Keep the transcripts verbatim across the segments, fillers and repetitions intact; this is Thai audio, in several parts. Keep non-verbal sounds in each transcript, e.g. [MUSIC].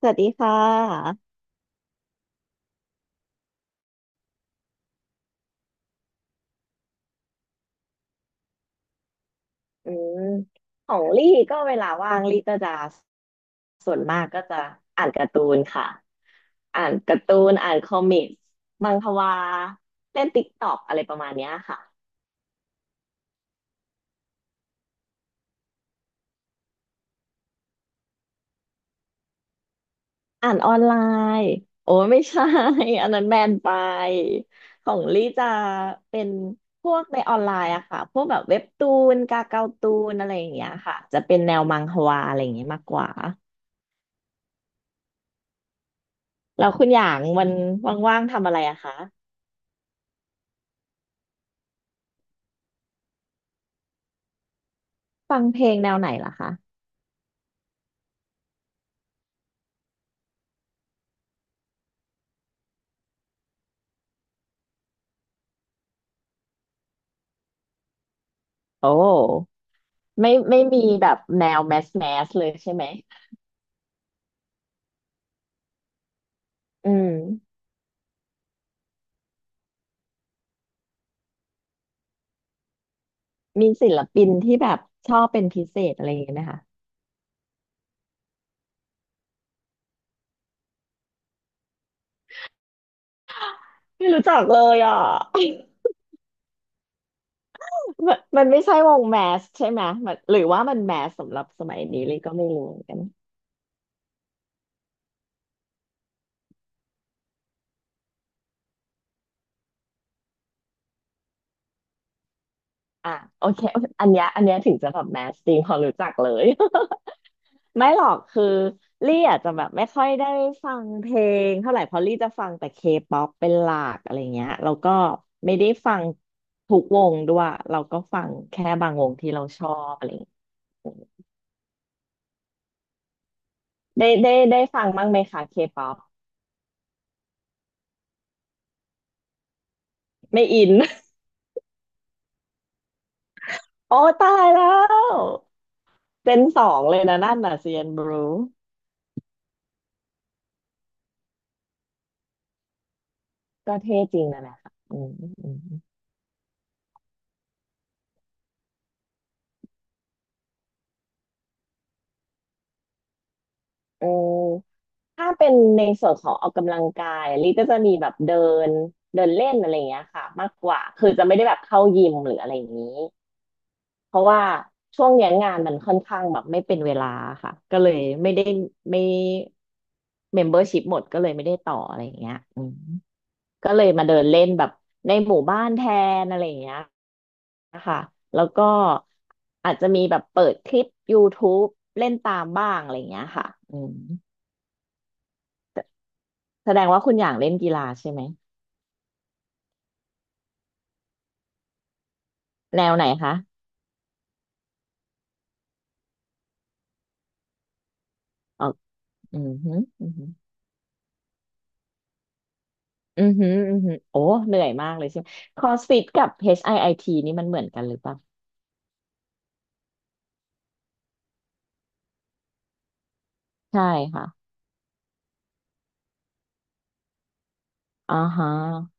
สวัสดีค่ะอืมของลี่ก็เวลาว่างลี่ก็จะส่วนมากก็จะอ่านการ์ตูนค่ะอ่านการ์ตูนอ่านคอมิกส์มังควาเล่นติ๊กต็อกอะไรประมาณเนี้ยค่ะอ่านออนไลน์โอ้ไม่ใช่ [LAUGHS] อันนั้นแบนไปของลี่จะเป็นพวกในออนไลน์อะค่ะพวกแบบเว็บตูนกาเกาตูนอะไรอย่างเงี้ยค่ะจะเป็นแนวมังควาอะไรอย่างเงี้ยมากกว่าแล้วคุณอย่างวันว่างๆทำอะไรอะคะ ฟังเพลงแนวไหนล่ะคะ โอ้ไม่ไม่มีแบบแนวแมสแมสเลยใช่ไหมอืมมีศิลปินที่แบบชอบเป็นพิเศษอะไรอย่างเงี้ยไหมคะไม่รู้จักเลยอ่ะ [LAUGHS] มันมันไม่ใช่วงแมสใช่ไหมมันหรือว่ามันแมสสำหรับสมัยนี้เลยก็ไม่รู้เหมือนกันอ่ะโอเคอันเนี้ยอันเนี้ยถึงจะแบบแมสจริงพอรู้จักเลย ไม่หรอกคือลี่อาจจะแบบไม่ค่อยได้ฟังเพลงเท่าไหร่เพราะลี่จะฟังแต่เคป๊อปเป็นหลักอะไรเงี้ยแล้วก็ไม่ได้ฟังทุกวงด้วยเราก็ฟังแค่บางวงที่เราชอบอะไรเงี้ยได้ได้ได้ฟังบ้างไหมคะเคป๊อปไม่อิน [LAUGHS] โอ้ตายแล้วเจนสองเลยนะนั่นน่ะเซียนบรูก็เท่จริงนะนะค่ะอืม เออถ้าเป็นในส่วนของออกกำลังกายลิก็จะมีแบบเดินเดินเล่นอะไรอย่างเงี้ยค่ะมากกว่าคือจะไม่ได้แบบเข้ายิมหรืออะไรอย่างนี้เพราะว่าช่วงเนี้ยงานมันค่อนข้างแบบไม่เป็นเวลาค่ะก็เลยไม่ได้ไม่เมมเบอร์ชิพหมดก็เลยไม่ได้ต่ออะไรอย่างเงี้ยอืมก็เลยมาเดินเล่นแบบในหมู่บ้านแทนอะไรอย่างเงี้ยค่ะแล้วก็อาจจะมีแบบเปิดคลิป y o ท t บเล่นตามบ้างอะไรอย่างเงี้ยค่ะอืม แสดงว่าคุณอย่างเล่นกีฬาใช่ไหมแนวไหนคะอ๋ออือหืออือหืออือหืออือหือโอ้เหนื่อยมากเลยใช่ไหมคอสฟิตกับ เอช ไอ ไอ ที นี่มันเหมือนกันหรือเปล่าใช่ค่ะอ่าฮะ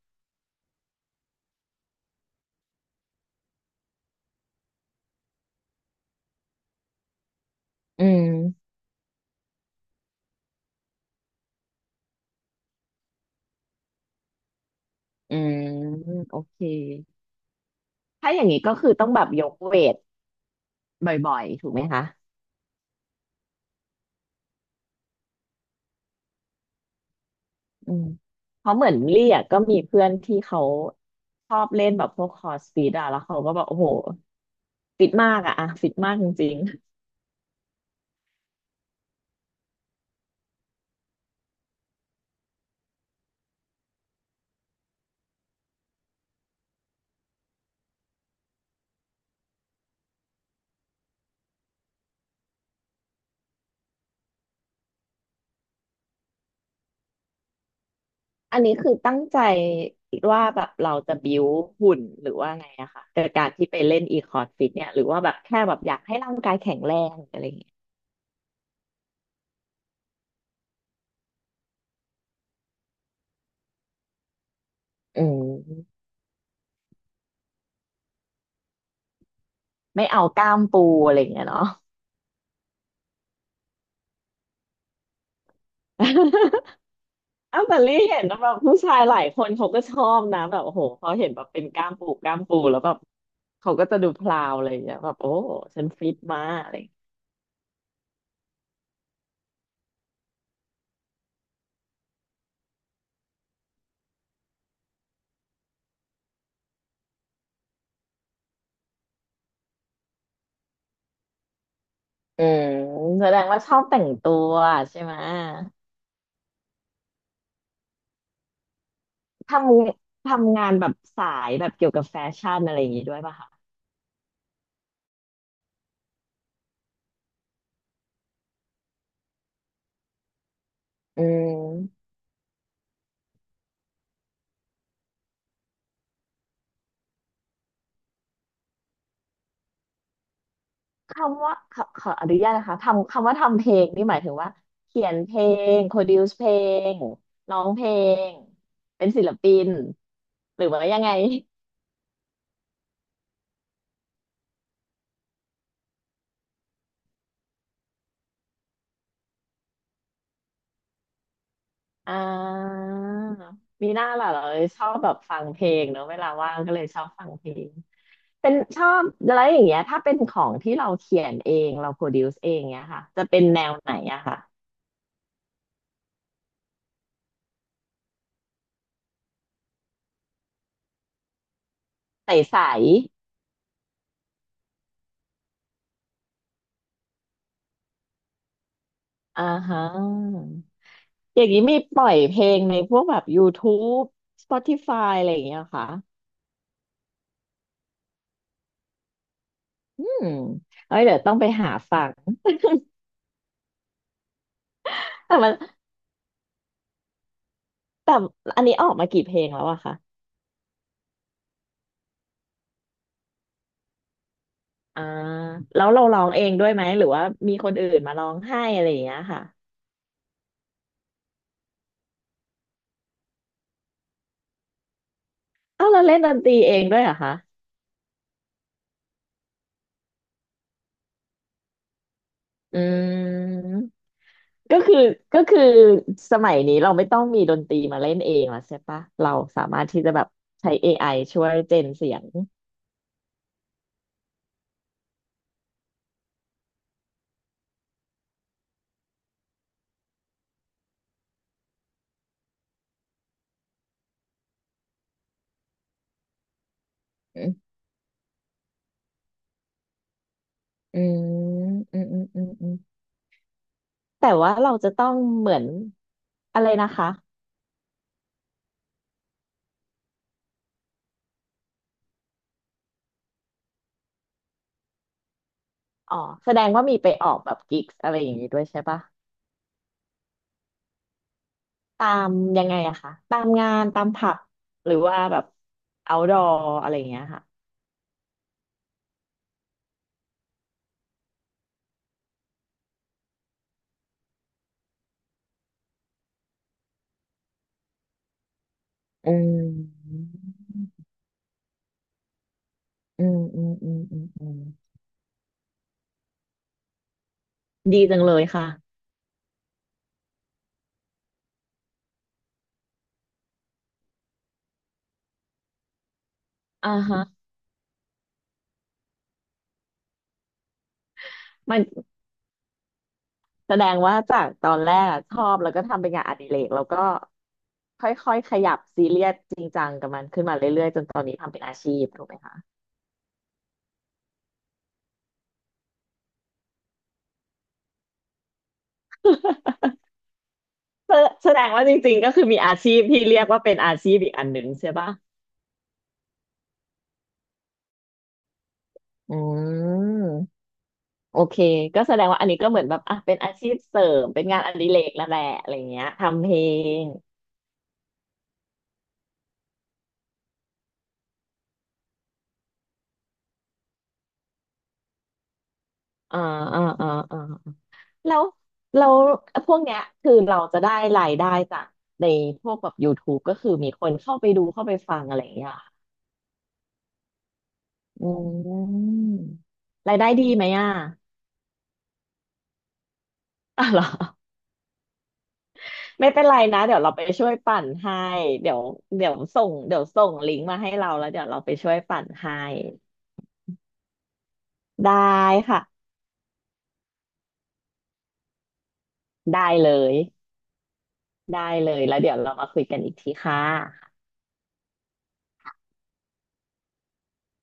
อืมอืมโอเคถ้าอย่างนี้ก็คือต้องแบบยกเวทบ่อยๆถูกไหมคะอืมเพราะเหมือนลี่อ่ะก็มีเพื่อนที่เขาชอบเล่นแบบพวกคอร์สฟิตอ่ะแล้วเขาก็บอกโอ้โหฟิตมากอ่ะอะฟิตมากจริง อันนี้คือตั้งใจคิดว่าแบบเราจะบิวหุ่นหรือว่าไงอะค่ะกดยการที่ไปเล่นอีคอร์ดฟิตเนี่ยหรือว่าแบบแค่แบบอยากให้ร่างกายแข็งแรงอะไรอย่างเงี้ยอืมไม่เอากล้ามปูอะไรอย่างเงี้ยเนาะ [LAUGHS] อ้าวแต่ลี่เห็นแบบผู้ชายหลายคนเขาก็ชอบนะแบบโอ้โหเขาเห็นแบบเป็นกล้ามปูกล้ามปูแล้วแบบเขาก็จะดูพลาวอะไรอย่างเงี้ยแบบโอ้ฉันฟิตมาอะไรอย่างเงี้ยอืมแสดงว่าชอบแต่งตัวใช่ไหม ทำทำงานแบบสายแบบเกี่ยวกับแฟชั่นอะไรอย่างงี้ด้วยป่ะคะอืมคำว่าขอขออนุญาตนะคะทำคำว่าทำเพลงนี่หมายถึงว่าเขียนเพลงโปรดิวซ์เพลงร้องเพลงเป็นศิลปินหรือว่ายังไงอ่ามีหน้าล่ะเหราชอบแบบฟังเพลงเนอะเวลาว่างก็เลยชอบฟังเพลงเป็นชอบอะไรอย่างเงี้ยถ้าเป็นของที่เราเขียนเองเราโปรดิวซ์เองเงี้ยค่ะจะเป็นแนวไหนอะค่ะใส อ่าฮะอย่างนี้มีปล่อยเพลงในพวกแบบ YouTube Spotify อะไรอย่างเงี้ยเหรอค่ะอืมเอ้ยเดี๋ยวต้องไปหาฟัง [LAUGHS] แต่มันแต่อันนี้ออกมากี่เพลงแล้วอะคะอ่าแล้วเราร้องเองด้วยไหมหรือว่ามีคนอื่นมาร้องให้อะไรอย่างเงี้ยค่ะอ้าวเราเล่นดนตรีเองด้วยเหรอคะอืมก็คือก็คือสมัยนี้เราไม่ต้องมีดนตรีมาเล่นเองแล้วใช่ปะเราสามารถที่จะแบบใช้ เอ ไอ ช่วยเจนเสียง อืมอืมอืมอืมอืมแต่ว่าเราจะต้องเหมือนอะไรนะคะอ๋อแสดงว่ามีไปออกแบบกิกส์อะไรอย่างนี้ด้วยใช่ปะตามยังไงอะคะ ตามงานตามผับหรือว่าแบบเอาดออะไรอย่างเงี้ยค่ะอืมอืมอืมอืมอืมอืมดีจังเลยค่ะอ่าฮะมันแสดงว่าจากตอนแรกอะชอบแล้วก็ทำเป็นงานอดิเรกแล้วก็ค่อยๆขยับซีเรียสจริงจังกับมันขึ้นมาเรื่อยๆจนตอนนี้ทำเป็นอาชีพถูกไหมคะ แสแสดงว่าจริงๆก็คือมีอาชีพที่เรียกว่าเป็นอาชีพอีกอันหนึ่งใช่ปะอืมโอเคก็แสดงว่าอันนี้ก็เหมือนแบบอ่ะเป็นอาชีพเสริมเป็นงานอดิเรกแล้วแหละอะไรเงี้ยทำเพลงอ่าอ่าอ่าอ่าแล้วแล้วพวกเนี้ยคือเราจะได้รายได้จากในพวกแบบ YouTube ก็คือมีคนเข้าไปดูเข้าไปฟังอะไรอย่างเงี้ยเหรออืมรายได้ดีไหมอ่ะอ่ะเหรอ ไม่เป็นไรนะเดี๋ยวเราไปช่วยปั่นให้เดี๋ยวเดี๋ยวส่งเดี๋ยวส่งลิงก์มาให้เราแล้วเดี๋ยวเราไปช่วยปั่นให้ได้ค่ะได้เลยได้เลยแล้วเดี๋ยวเรามาคุยกันอีกทีค่ะ